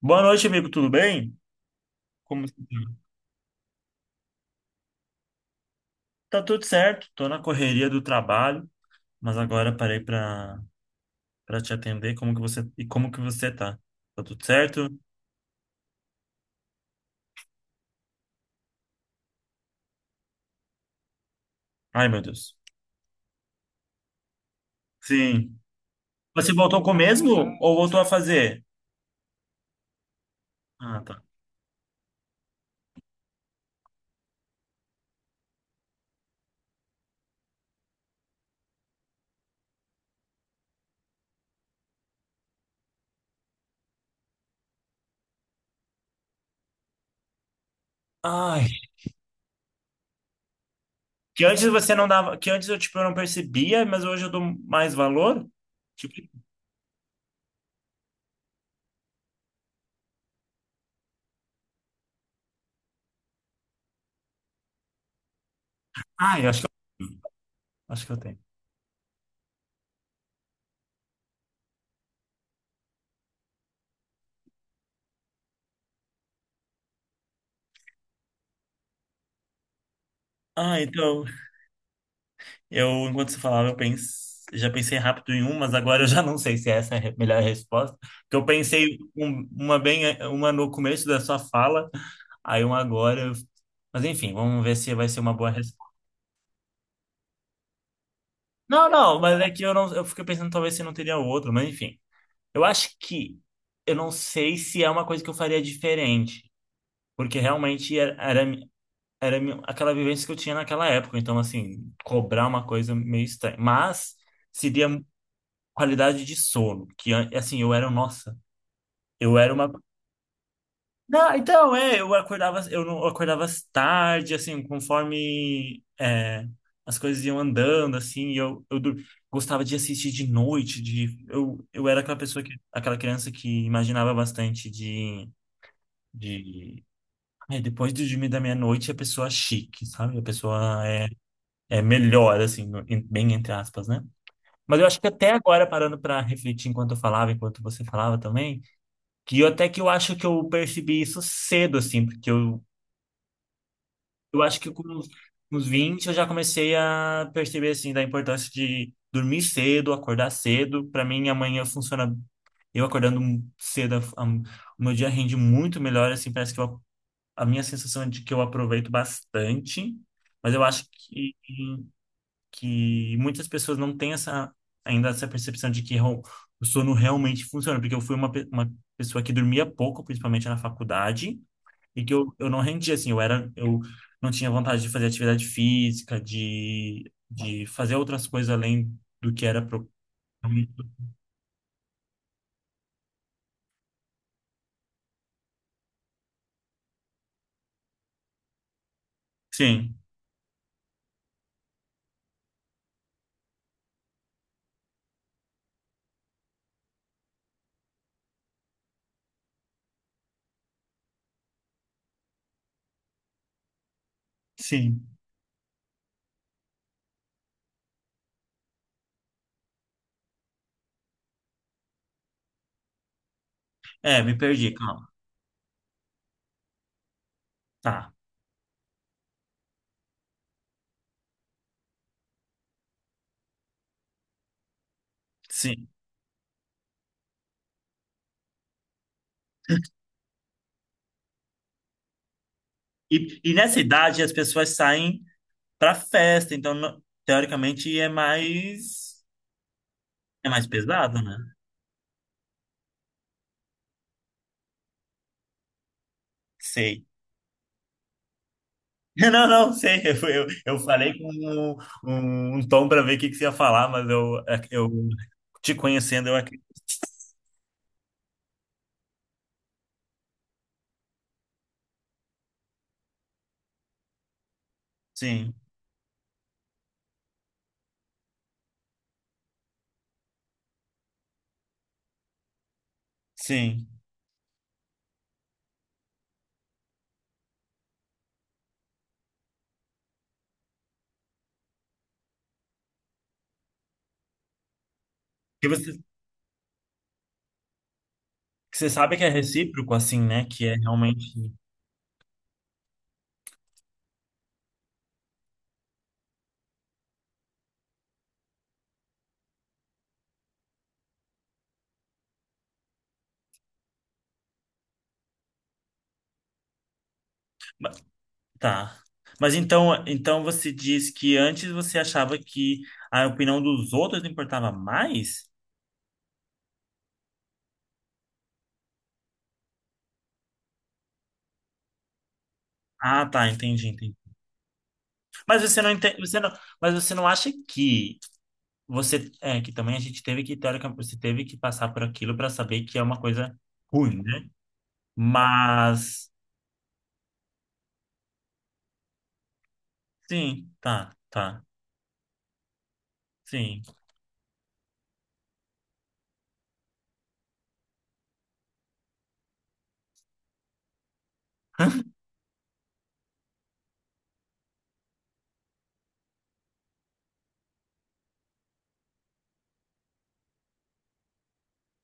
Boa noite, amigo. Tudo bem? Como você tá? Tá tudo certo. Tô na correria do trabalho, mas agora parei para te atender. Como que você e como que você tá? Tá tudo certo? Ai, meu Deus. Sim. Você voltou com o mesmo ou voltou a fazer? Ah, tá. Ai, que antes você não dava, que antes eu tipo eu não percebia, mas hoje eu dou mais valor? Tipo, ai, eu, acho que eu tenho. Ah, então eu, enquanto você falava, já pensei rápido em um, mas agora eu já não sei se essa é a melhor resposta. Porque eu pensei uma bem, uma no começo da sua fala, aí uma agora. Mas enfim, vamos ver se vai ser uma boa resposta. Não, não, mas é que eu não, eu fiquei pensando talvez se não teria outro, mas enfim. Eu acho que eu não sei se é uma coisa que eu faria diferente, porque realmente era era aquela vivência que eu tinha naquela época, então assim, cobrar uma coisa meio estranha. Mas seria qualidade de sono, que assim, eu era, nossa, eu era uma... Não, então, é, eu acordava, eu não eu acordava às tarde, assim, conforme é, as coisas iam andando, assim, e eu gostava de assistir de noite, de eu era aquela pessoa, que aquela criança que imaginava bastante de ai, depois de dormir da meia-noite, a pessoa é chique, sabe? A pessoa é é melhor, assim, bem entre aspas, né? Mas eu acho que até agora, parando para refletir enquanto eu falava, enquanto você falava também, que eu, até que eu acho que eu percebi isso cedo, assim, porque eu acho que com uns 20 eu já comecei a perceber, assim, da importância de dormir cedo, acordar cedo. Para mim, amanhã funciona. Eu acordando cedo, o meu dia rende muito melhor, assim, parece que eu, a minha sensação é de que eu aproveito bastante, mas eu acho que muitas pessoas não têm essa ainda essa percepção de que o sono realmente funciona, porque eu fui uma pessoa que dormia pouco, principalmente na faculdade, e que eu não rendia assim, eu não tinha vontade de fazer atividade física, de fazer outras coisas além do que era pro... Sim, sim. É, me perdi, calma. Tá. Sim. E nessa idade as pessoas saem pra festa, então teoricamente é mais pesado, né? Sei. Não, não, sei. Eu falei com um tom para ver o que, que você ia falar, mas eu, é, eu te conhecendo, eu acredito. Sim, sim. Que você, que você sabe que é recíproco, assim, né? Que é realmente. Mas... Tá. Mas então, então você diz que antes você achava que a opinião dos outros importava mais? Ah, tá, entendi, entendi. Mas você não entende, você não, mas você não acha que... Você é que também a gente teve que teoricamente você teve que passar por aquilo para saber que é uma coisa ruim, né? Mas sim, tá, tá. Sim.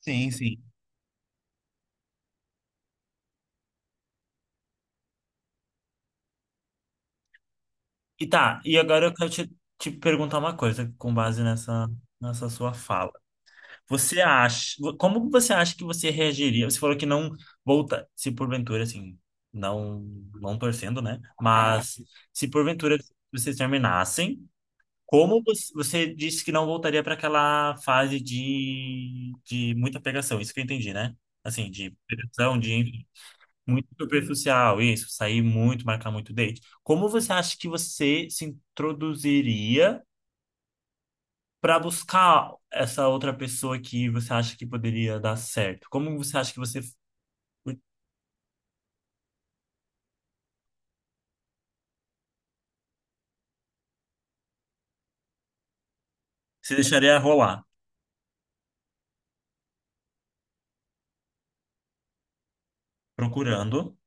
Sim, sim. E tá, e agora eu quero te te perguntar uma coisa com base nessa nessa sua fala. Você acha, como você acha que você reagiria? Você falou que não volta, se porventura assim, não, não torcendo, né? Mas se porventura vocês terminassem... Como você, você disse que não voltaria para aquela fase de muita pegação, isso que eu entendi, né? Assim, de pegação, de muito superficial, isso, sair muito, marcar muito date. Como você acha que você se introduziria para buscar essa outra pessoa que você acha que poderia dar certo? Como você acha que você se deixaria rolar? Procurando,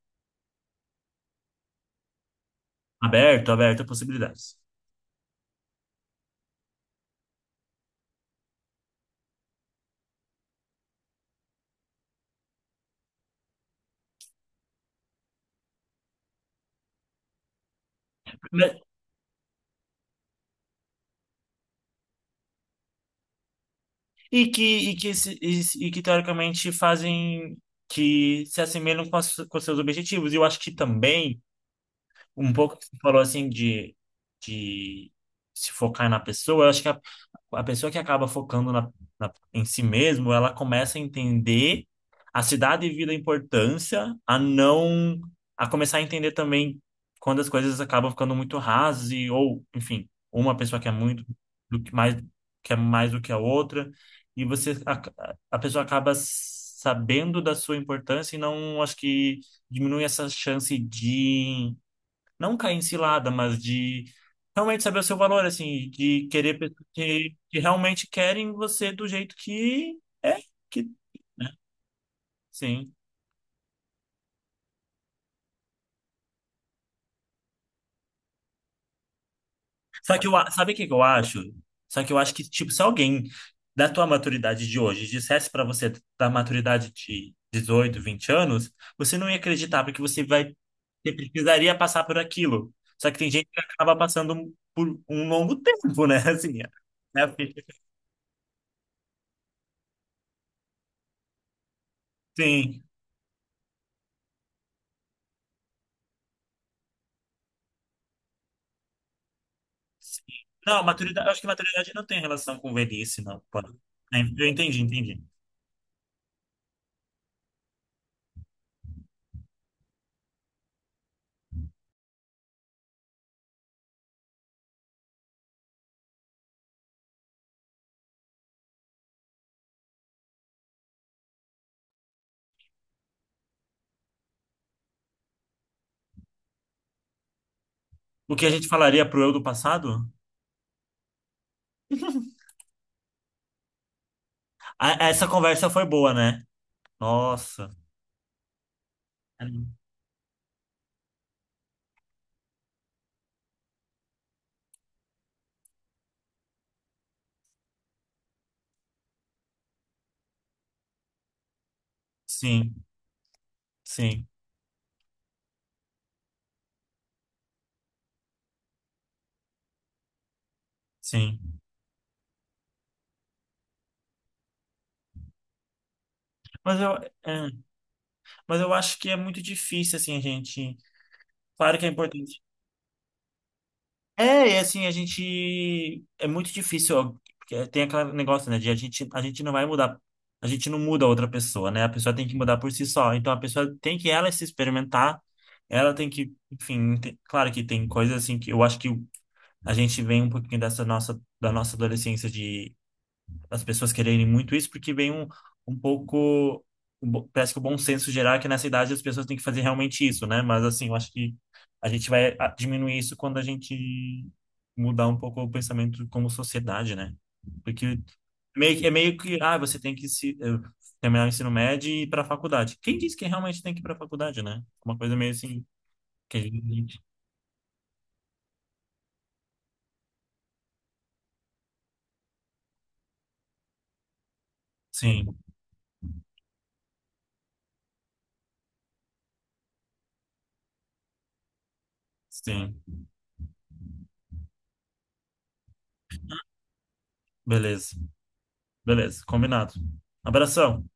aberto, aberto a possibilidades. E que, e que, e, e que teoricamente fazem que se assemelham com, as, com seus objetivos. E eu acho que também um pouco que você falou assim de se focar na pessoa, eu acho que a pessoa que acaba focando na, em si mesmo, ela começa a entender a se dar devida importância, a não, a começar a entender também quando as coisas acabam ficando muito rasas e, ou, enfim, uma pessoa quer muito do que mais quer mais do que a outra, e você a pessoa acaba sabendo da sua importância e não acho que diminui essa chance de não cair em cilada, mas de realmente saber o seu valor, assim, de querer pessoas que realmente querem você do jeito que é, que sim. Só que eu, sabe o que que eu acho? Só que eu acho que, tipo, se alguém da tua maturidade de hoje dissesse pra você da maturidade de dezoito, 20 anos, você não ia acreditar, porque você vai, você precisaria passar por aquilo. Só que tem gente que acaba passando por um longo tempo, né? Assim, é, a sim. Sim. Não, maturidade, acho que maturidade não tem relação com velhice, não. Pode. É, eu entendi, entendi. O que a gente falaria pro eu do passado? Ah, essa conversa foi boa, né? Nossa. Sim, sim, sim. Mas eu, é, mas eu acho que é muito difícil, assim, a gente... Claro que é importante. É, e assim, a gente... É muito difícil, ó, porque é, tem aquele negócio, né, de a gente não vai mudar. A gente não muda a outra pessoa, né? A pessoa tem que mudar por si só. Então a pessoa tem que ela se experimentar, ela tem que, enfim, claro que tem coisas assim que eu acho que a gente vem um pouquinho dessa nossa, da nossa adolescência, as pessoas quererem muito isso, porque vem um, um pouco. Parece que o bom senso geral é que nessa idade as pessoas têm que fazer realmente isso, né? Mas assim, eu acho que a gente vai ah, diminuir isso quando a gente mudar um pouco o pensamento como sociedade, né? Porque meio, é meio que, ah, você tem que se, terminar o ensino médio e ir para a faculdade. Quem disse que realmente tem que ir para a faculdade, né? Uma coisa meio assim que a gente... Sim, sim. Beleza, beleza, combinado. Abração.